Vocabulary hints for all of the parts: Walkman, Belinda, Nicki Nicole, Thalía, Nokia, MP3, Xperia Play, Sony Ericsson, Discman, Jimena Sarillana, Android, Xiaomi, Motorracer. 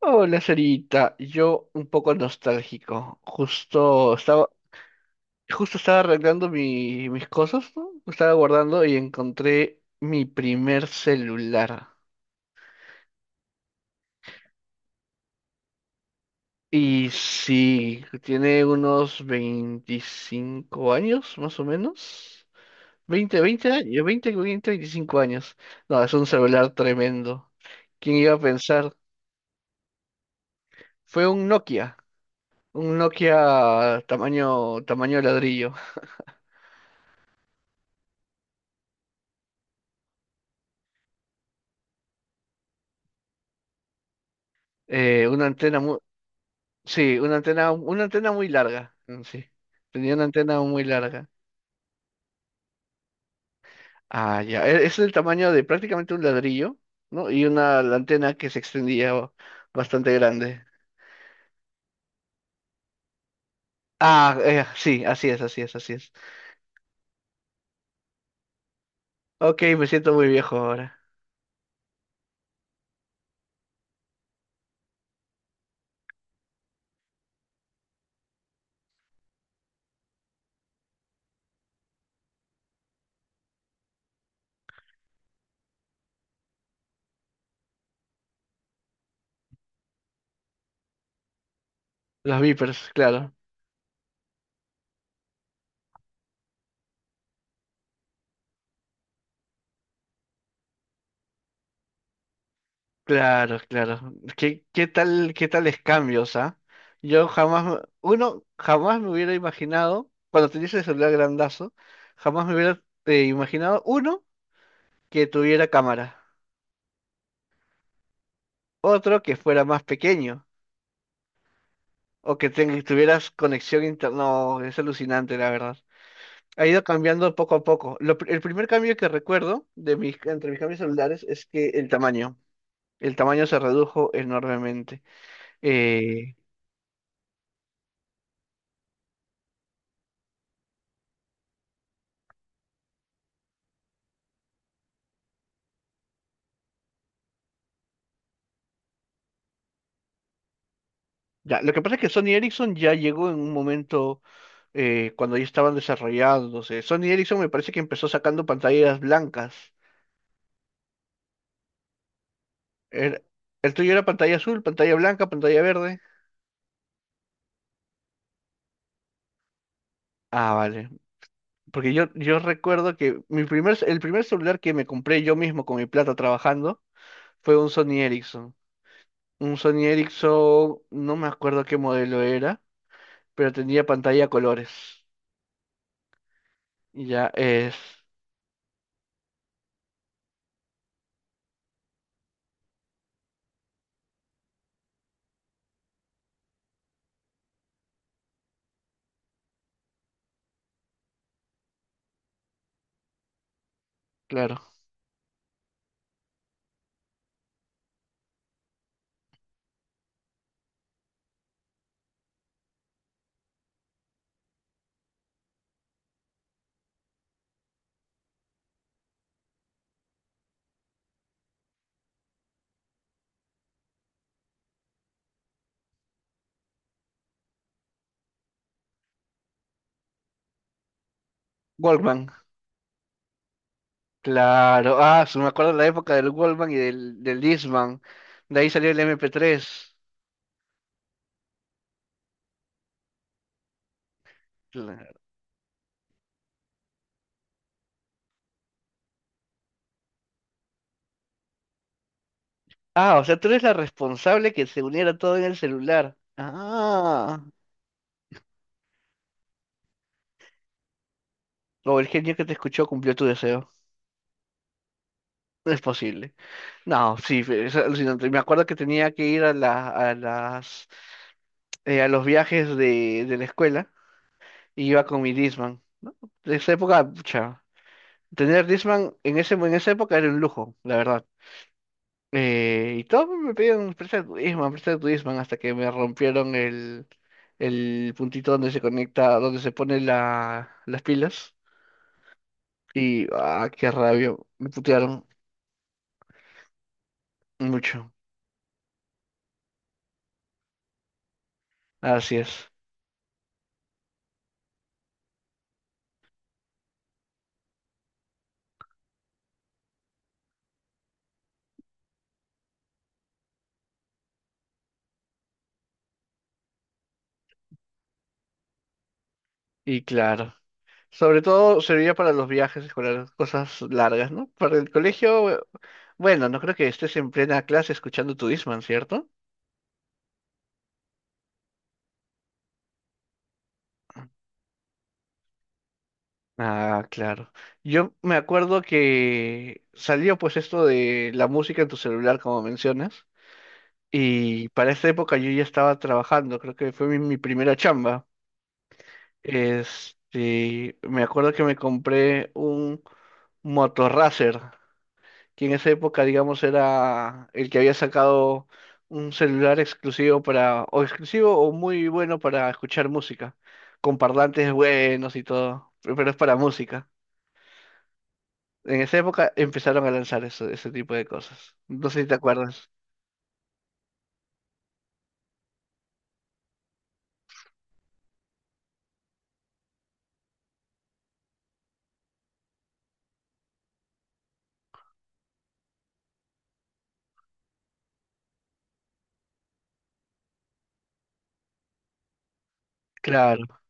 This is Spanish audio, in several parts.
Hola, Sarita. Yo un poco nostálgico. Justo estaba arreglando mis cosas, ¿no? Estaba guardando y encontré mi primer celular. Y sí, tiene unos 25 años, más o menos. 20, 20 años, 20, 20, 25 años. No, es un celular tremendo. ¿Quién iba a pensar? Fue un Nokia tamaño, tamaño ladrillo. Una antena, sí, una antena muy larga. Mm, sí, tenía una antena muy larga. Ah, ya. Es el tamaño de prácticamente un ladrillo, ¿no? Y una la antena que se extendía bastante grande. Ah, sí, así es, así es, así es. Ok, me siento muy viejo ahora. Los Vipers, claro, claro, claro. ¿ qué tales cambios, ¿ah? Yo jamás, uno, jamás me hubiera imaginado, cuando tenía ese celular grandazo, jamás me hubiera imaginado, uno, que tuviera cámara. Otro que fuera más pequeño o que tuvieras conexión interna. No, es alucinante, la verdad. Ha ido cambiando poco a poco. El primer cambio que recuerdo entre mis cambios celulares es que el tamaño. El tamaño se redujo enormemente. Eh, ya, lo que pasa es que Sony Ericsson ya llegó en un momento cuando ya estaban desarrollándose. Sony Ericsson me parece que empezó sacando pantallas blancas. Era- el tuyo era pantalla azul, pantalla blanca, pantalla verde. Ah, vale. Porque yo recuerdo que el primer celular que me compré yo mismo con mi plata trabajando fue un Sony Ericsson. Un Sony Ericsson, no me acuerdo qué modelo era, pero tenía pantalla a colores. Y ya es, claro. Walkman, claro. Ah, sí, me acuerdo de la época del Walkman y del Discman. De ahí salió el MP3. Claro. Ah, o sea, tú eres la responsable que se uniera todo en el celular. Ah. O el genio que te escuchó cumplió tu deseo. No es posible. No, sí, es alucinante. Me acuerdo que tenía que ir a los viajes de la escuela y iba con mi Disman, ¿no? De esa época, pucha, tener Disman en esa época era un lujo, la verdad. Y todos me pedían, presta tu Disman, hasta que me rompieron el puntito donde se conecta, donde se pone las pilas. Y, ah, qué rabia, me putearon mucho. Así es. Y claro. Sobre todo serviría para los viajes escolares, cosas largas, ¿no? Para el colegio, bueno, no creo que estés en plena clase escuchando tu Discman, ¿cierto? Ah, claro. Yo me acuerdo que salió pues esto de la música en tu celular, como mencionas, y para esa época yo ya estaba trabajando, creo que fue mi primera chamba. Este, me acuerdo que me compré un motorracer que en esa época, digamos, era el que había sacado un celular exclusivo para, o exclusivo o muy bueno para escuchar música, con parlantes buenos y todo, pero es para música. En esa época empezaron a lanzar eso, ese tipo de cosas. No sé si te acuerdas. Claro.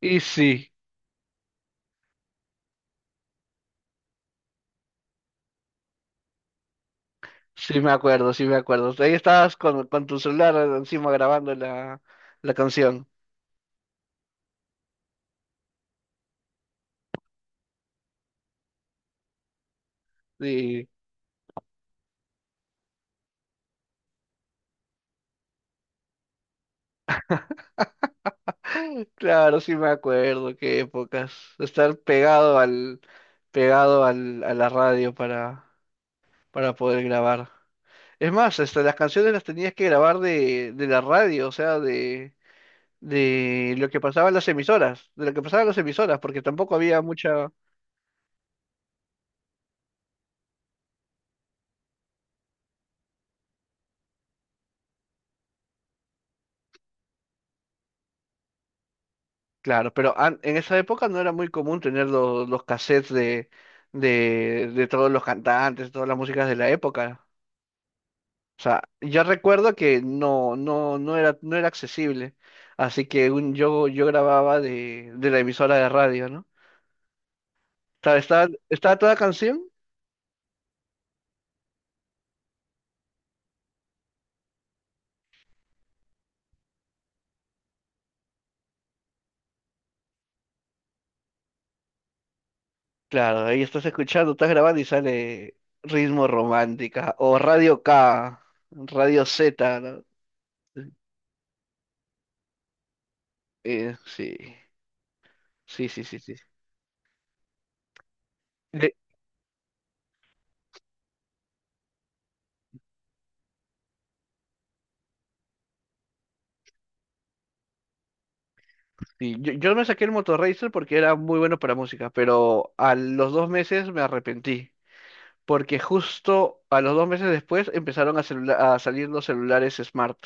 Y sí, sí me acuerdo, sí me acuerdo. Ahí estabas con tu celular encima grabando la canción. Claro, sí me acuerdo, qué épocas. Estar pegado al, a la radio para poder grabar. Es más, hasta las canciones las tenías que grabar de la radio, o sea, de lo que pasaba en las emisoras, de lo que pasaba en las emisoras, porque tampoco había mucha. Claro, pero en esa época no era muy común tener los cassettes de todos los cantantes, todas las músicas de la época. O sea, yo recuerdo que no, no, no era accesible. Así que yo grababa de la emisora de radio, ¿no? Estaba toda canción, claro, ahí estás escuchando, estás grabando y sale Ritmo Romántica o Radio K, Radio Z, ¿no? Sí, sí, sí, sí, sí. Eh, sí, yo me saqué el Motorracer porque era muy bueno para música, pero a los 2 meses me arrepentí. Porque justo a los 2 meses después empezaron a salir los celulares smart,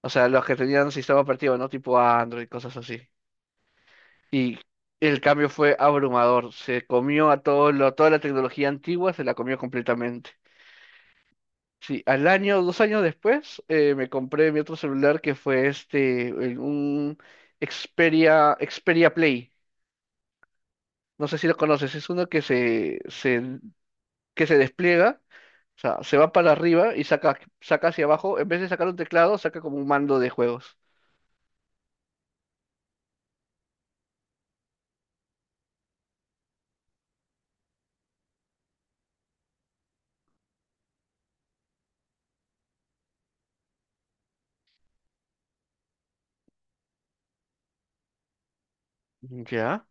o sea, los que tenían sistema operativo, ¿no? Tipo Android, cosas así. Y el cambio fue abrumador, se comió toda la tecnología antigua, se la comió completamente. Sí, al año, 2 años después, me compré mi otro celular que fue este, un Xperia, Xperia Play. No sé si lo conoces, es uno que se despliega, o sea, se va para arriba y saca hacia abajo, en vez de sacar un teclado, saca como un mando de juegos. ¿Ya?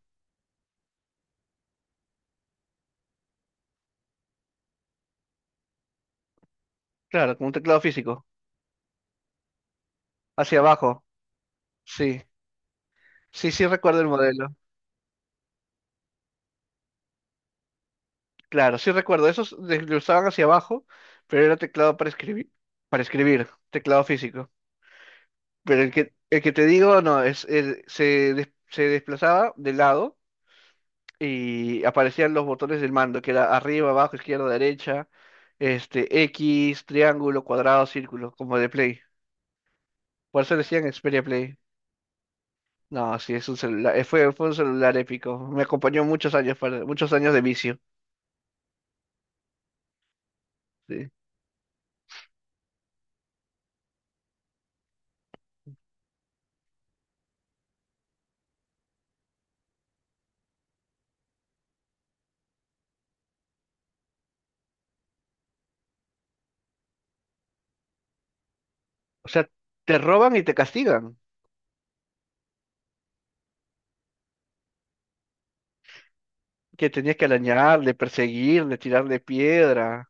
Claro, como un teclado físico, hacia abajo, sí, sí, sí recuerdo el modelo, claro, sí recuerdo, esos desglosaban hacia abajo, pero era teclado para escribir, teclado físico. Pero el que te digo, no, se desplazaba de lado y aparecían los botones del mando, que era arriba, abajo, izquierda, derecha, este, X, triángulo, cuadrado, círculo, como de Play. Por eso le decían Xperia Play. No, sí, es un celular, fue un celular épico. Me acompañó muchos años, muchos años de vicio. Sí. O sea, te roban y te castigan. Que tenías que arañarle, perseguirle, tirarle piedra.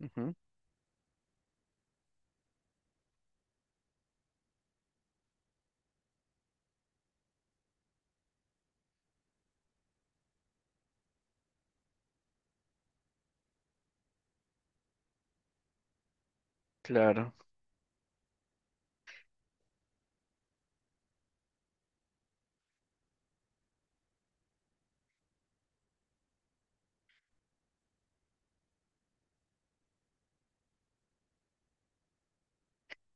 Ujú, claro.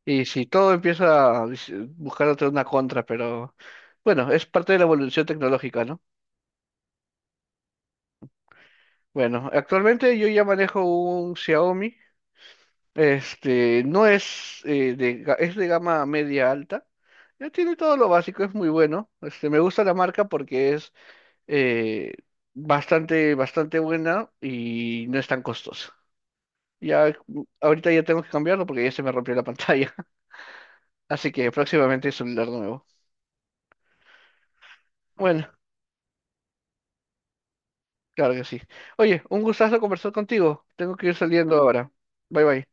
Y si todo empieza a buscar otra una contra, pero bueno, es parte de la evolución tecnológica, ¿no? Bueno, actualmente yo ya manejo un Xiaomi. Este, no es, de, ga- es de gama media alta. Ya tiene todo lo básico, es muy bueno. Este, me gusta la marca porque es eh, bastante buena y no es tan costosa. Ya, ahorita ya tengo que cambiarlo porque ya se me rompió la pantalla. Así que próximamente es celular nuevo. Bueno, claro que sí. Oye, un gustazo conversar contigo. Tengo que ir saliendo ahora. Bye bye.